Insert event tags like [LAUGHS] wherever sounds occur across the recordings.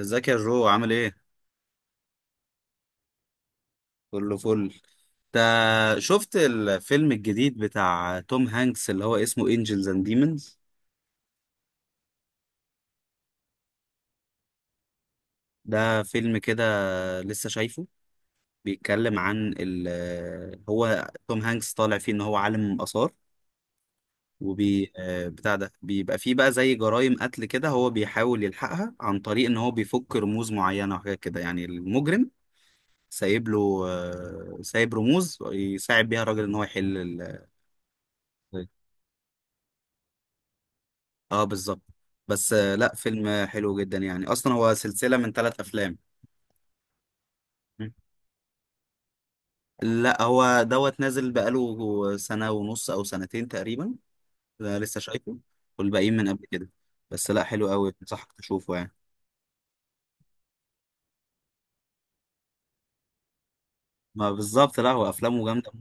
ازيك يا جو، عامل ايه؟ كله فل. انت شفت الفيلم الجديد بتاع توم هانكس اللي هو اسمه انجلز اند ديمونز؟ ده فيلم كده، لسه شايفه. بيتكلم عن ال هو توم هانكس طالع فيه ان هو عالم آثار وبي آه، بتاع ده بيبقى فيه بقى زي جرائم قتل كده، هو بيحاول يلحقها عن طريق ان هو بيفك رموز معينة وحاجات كده، يعني المجرم سايب له آه، سايب رموز يساعد بيها الراجل ان هو يحل الجريمة. اه، بالظبط. بس لا، فيلم حلو جدا يعني. اصلا هو سلسلة من ثلاث افلام. مم. لا هو دوت نازل بقاله سنة ونص او سنتين تقريبا. ده لسه شايفه. والباقيين من قبل كده. بس لا، حلو قوي، بنصحك تشوفه يعني. ما بالظبط. لا هو افلامه جامدة.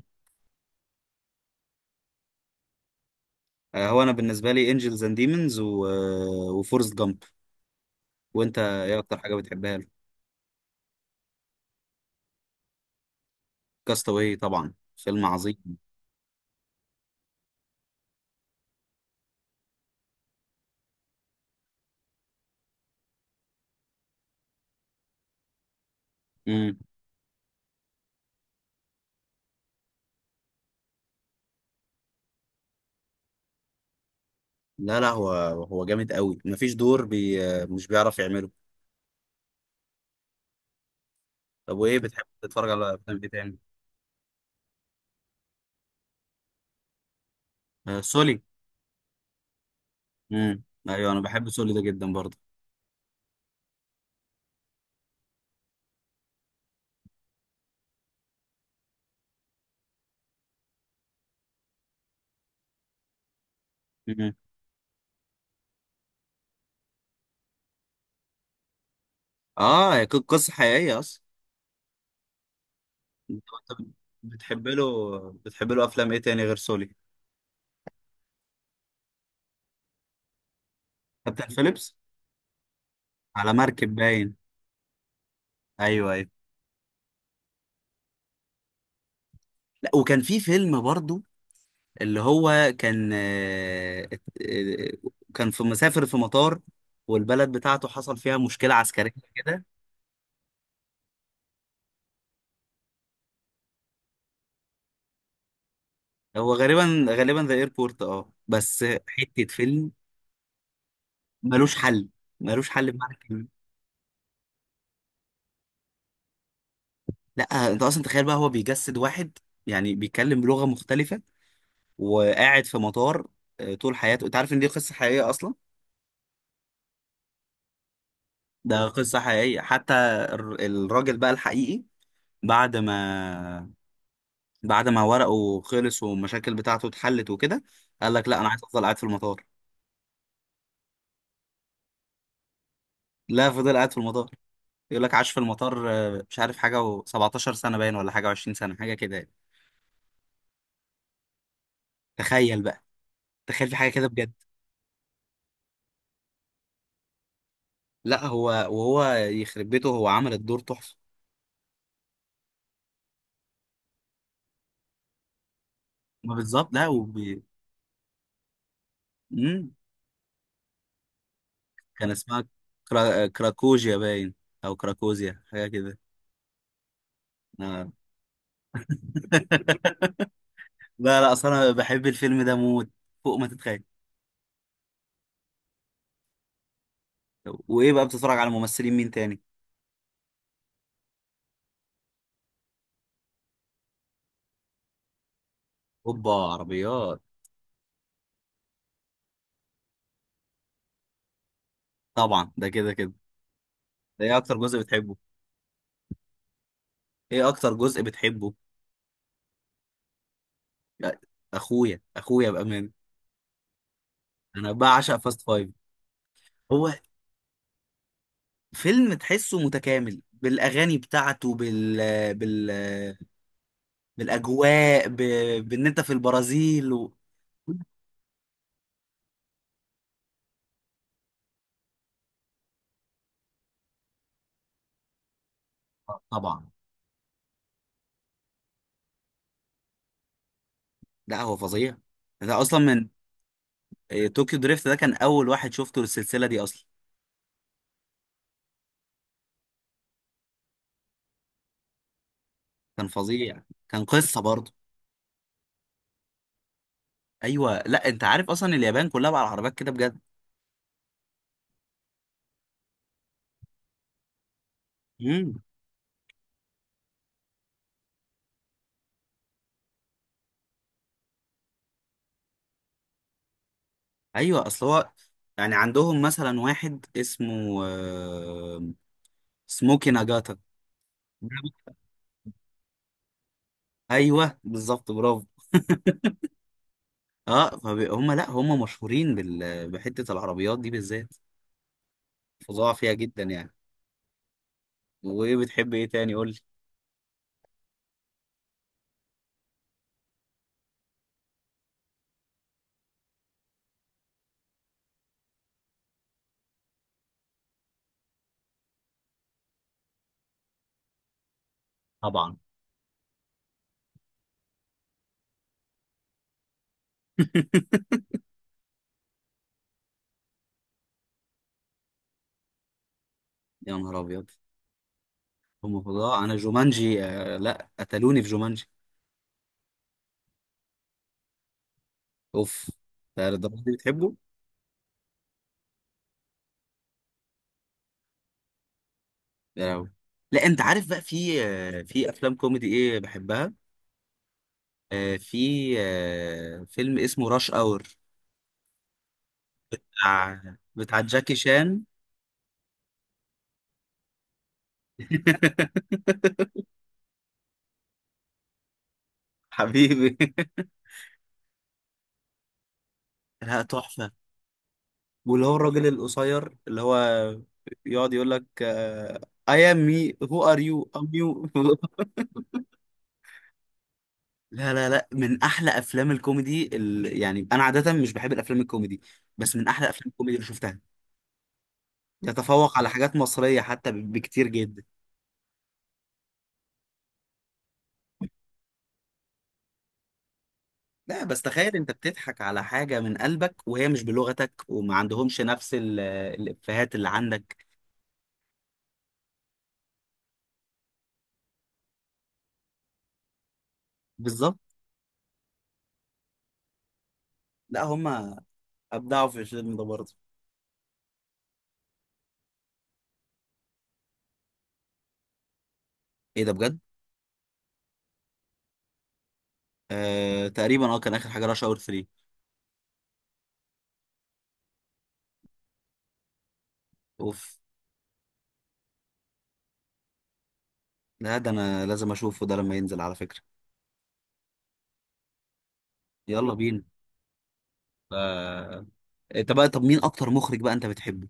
هو انا بالنسبة لي انجلز اند ديمونز وفورست جامب. وانت ايه اكتر حاجة بتحبها له؟ كاستاوي طبعا، فيلم عظيم. مم. لا هو جامد قوي، مفيش دور بي آه، مش بيعرف يعمله. طب وايه بتحب تتفرج على افلام ايه تاني؟ آه، سولي. امم، ايوه انا بحب سولي ده جدا برضه. امم، اه، هي قصه حقيقيه اصلا. انت أنت بتحب له بتحب له افلام ايه تاني غير سولي؟ كابتن فيليبس. على مركب باين. ايوه ايوه. لا، وكان في فيلم برضه اللي هو كان آه، كان في مسافر في مطار، والبلد بتاعته حصل فيها مشكله عسكريه كده. هو غالبا ذا ايربورت، اه بس حته فيلم. ملوش حل ملوش حل بمعنى. لا انت اصلا تخيل بقى، هو بيجسد واحد يعني بيتكلم بلغه مختلفه وقاعد في مطار طول حياته. انت عارف ان دي قصه حقيقيه اصلا؟ ده قصه حقيقيه حتى. الراجل بقى الحقيقي، بعد ما بعد ما ورقه خلص والمشاكل بتاعته اتحلت وكده، قال لك لا انا عايز افضل قاعد في المطار. لا، فضل قاعد في المطار. يقول لك عاش في المطار، مش عارف، حاجه و17 سنه باين ولا حاجه و20 سنه، حاجه كده يعني. تخيل بقى. تخيل في حاجه كده بجد. لا هو، وهو يخرب بيته، هو عمل الدور تحفه. ما بالظبط. لا وب... مم. كان اسمها كراكوجيا باين او كراكوزيا، حاجه كده. آه. [LAUGHS] لا لا، اصل انا بحب الفيلم ده موت، فوق ما تتخيل. وايه بقى بتتفرج على ممثلين مين تاني؟ اوبا، عربيات. طبعا، ده كده كده. ده ايه اكتر جزء بتحبه؟ ايه اكتر جزء بتحبه لا، اخويا اخويا بامان. انا بعشق فاست فايف. هو فيلم تحسه متكامل، بالاغاني بتاعته، بال بالاجواء، بان انت في البرازيل طبعا. لا هو فظيع، ده اصلا من طوكيو دريفت ده كان اول واحد شفته للسلسله دي اصلا. كان فظيع. كان قصه برضه. ايوه. لا، انت عارف اصلا اليابان كلها بقى على العربيات كده بجد. امم. ايوه، اصل هو يعني عندهم مثلا واحد اسمه سموكي ناجاتا. ايوه بالظبط، برافو. اه فهم. لا هم مشهورين بحته العربيات دي بالذات، فظاع فيها جدا يعني. وايه بتحب ايه تاني، قول لي. طبعا. [LAUGHS] يا نهار ابيض. هم فضاء. انا جومانجي، آه لا قتلوني في جومانجي. اوف، ده الدرجه دي بتحبه؟ يا لهوي. لا، انت عارف بقى في في افلام كوميدي ايه بحبها؟ في فيلم اسمه راش اور. بتاع بتاع جاكي شان. [LAUGHS] حبيبي. لا تحفه. واللي هو الراجل القصير، اللي هو يقعد يقول لك آه I am me, who are you, I'm you. [LAUGHS] لا، من احلى افلام الكوميدي يعني انا عاده مش بحب الافلام الكوميدي، بس من احلى افلام الكوميدي اللي شفتها. يتفوق على حاجات مصريه حتى بكتير جدا. لا، بس تخيل انت بتضحك على حاجه من قلبك وهي مش بلغتك وما عندهمش نفس الافيهات اللي عندك. بالظبط. لا هم ابدعوا في الفيلم ده برضه. ايه ده، بجد؟ آه... تقريبا اه، كان اخر حاجه راش اور 3. اوف. لا ده انا لازم اشوفه ده لما ينزل على فكره. يلا بينا. آه... انت بقى، طب مين اكتر مخرج بقى انت بتحبه؟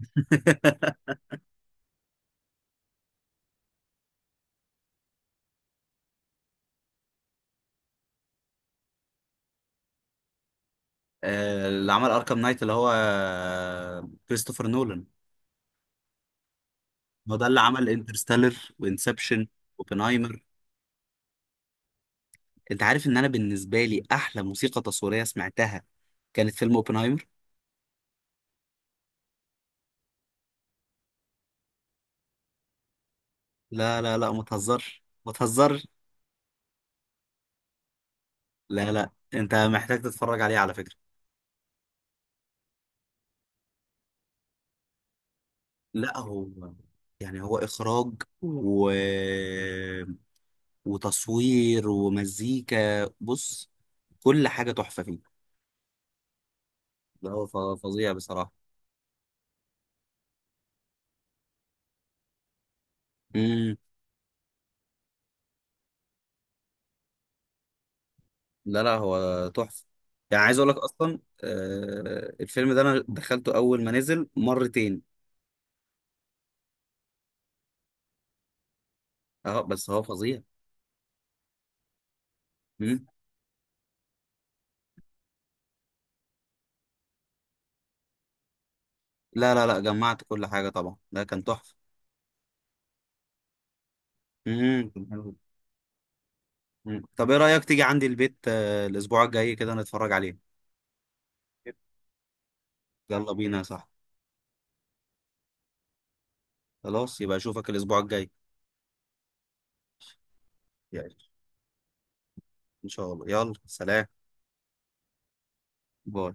[LAUGHS] آه، اللي عمل اركام نايت اللي هو كريستوفر نولان. هو ده اللي عمل انترستيلر وانسبشن. اوبنهايمر. انت عارف ان انا بالنسبه لي احلى موسيقى تصويريه سمعتها كانت فيلم اوبنهايمر. لا، ما تهزرش ما تهزرش. لا لا، انت محتاج تتفرج عليه على فكره. لا هو يعني، هو اخراج وتصوير ومزيكا، بص، كل حاجه تحفه فيه. لا هو فظيع بصراحه. مم. لا هو تحفة. يعني عايز اقول لك اصلا، آه الفيلم ده انا دخلته اول ما نزل مرتين. اه بس هو فظيع. مم. لا، جمعت كل حاجة طبعا، ده كان تحفة. كان حلو. طب ايه رأيك تيجي عندي البيت الاسبوع الجاي كده نتفرج عليه؟ يلا بينا يا صاحبي. خلاص، يبقى اشوفك الاسبوع الجاي. يعني، ان شاء الله. يلا سلام. باي.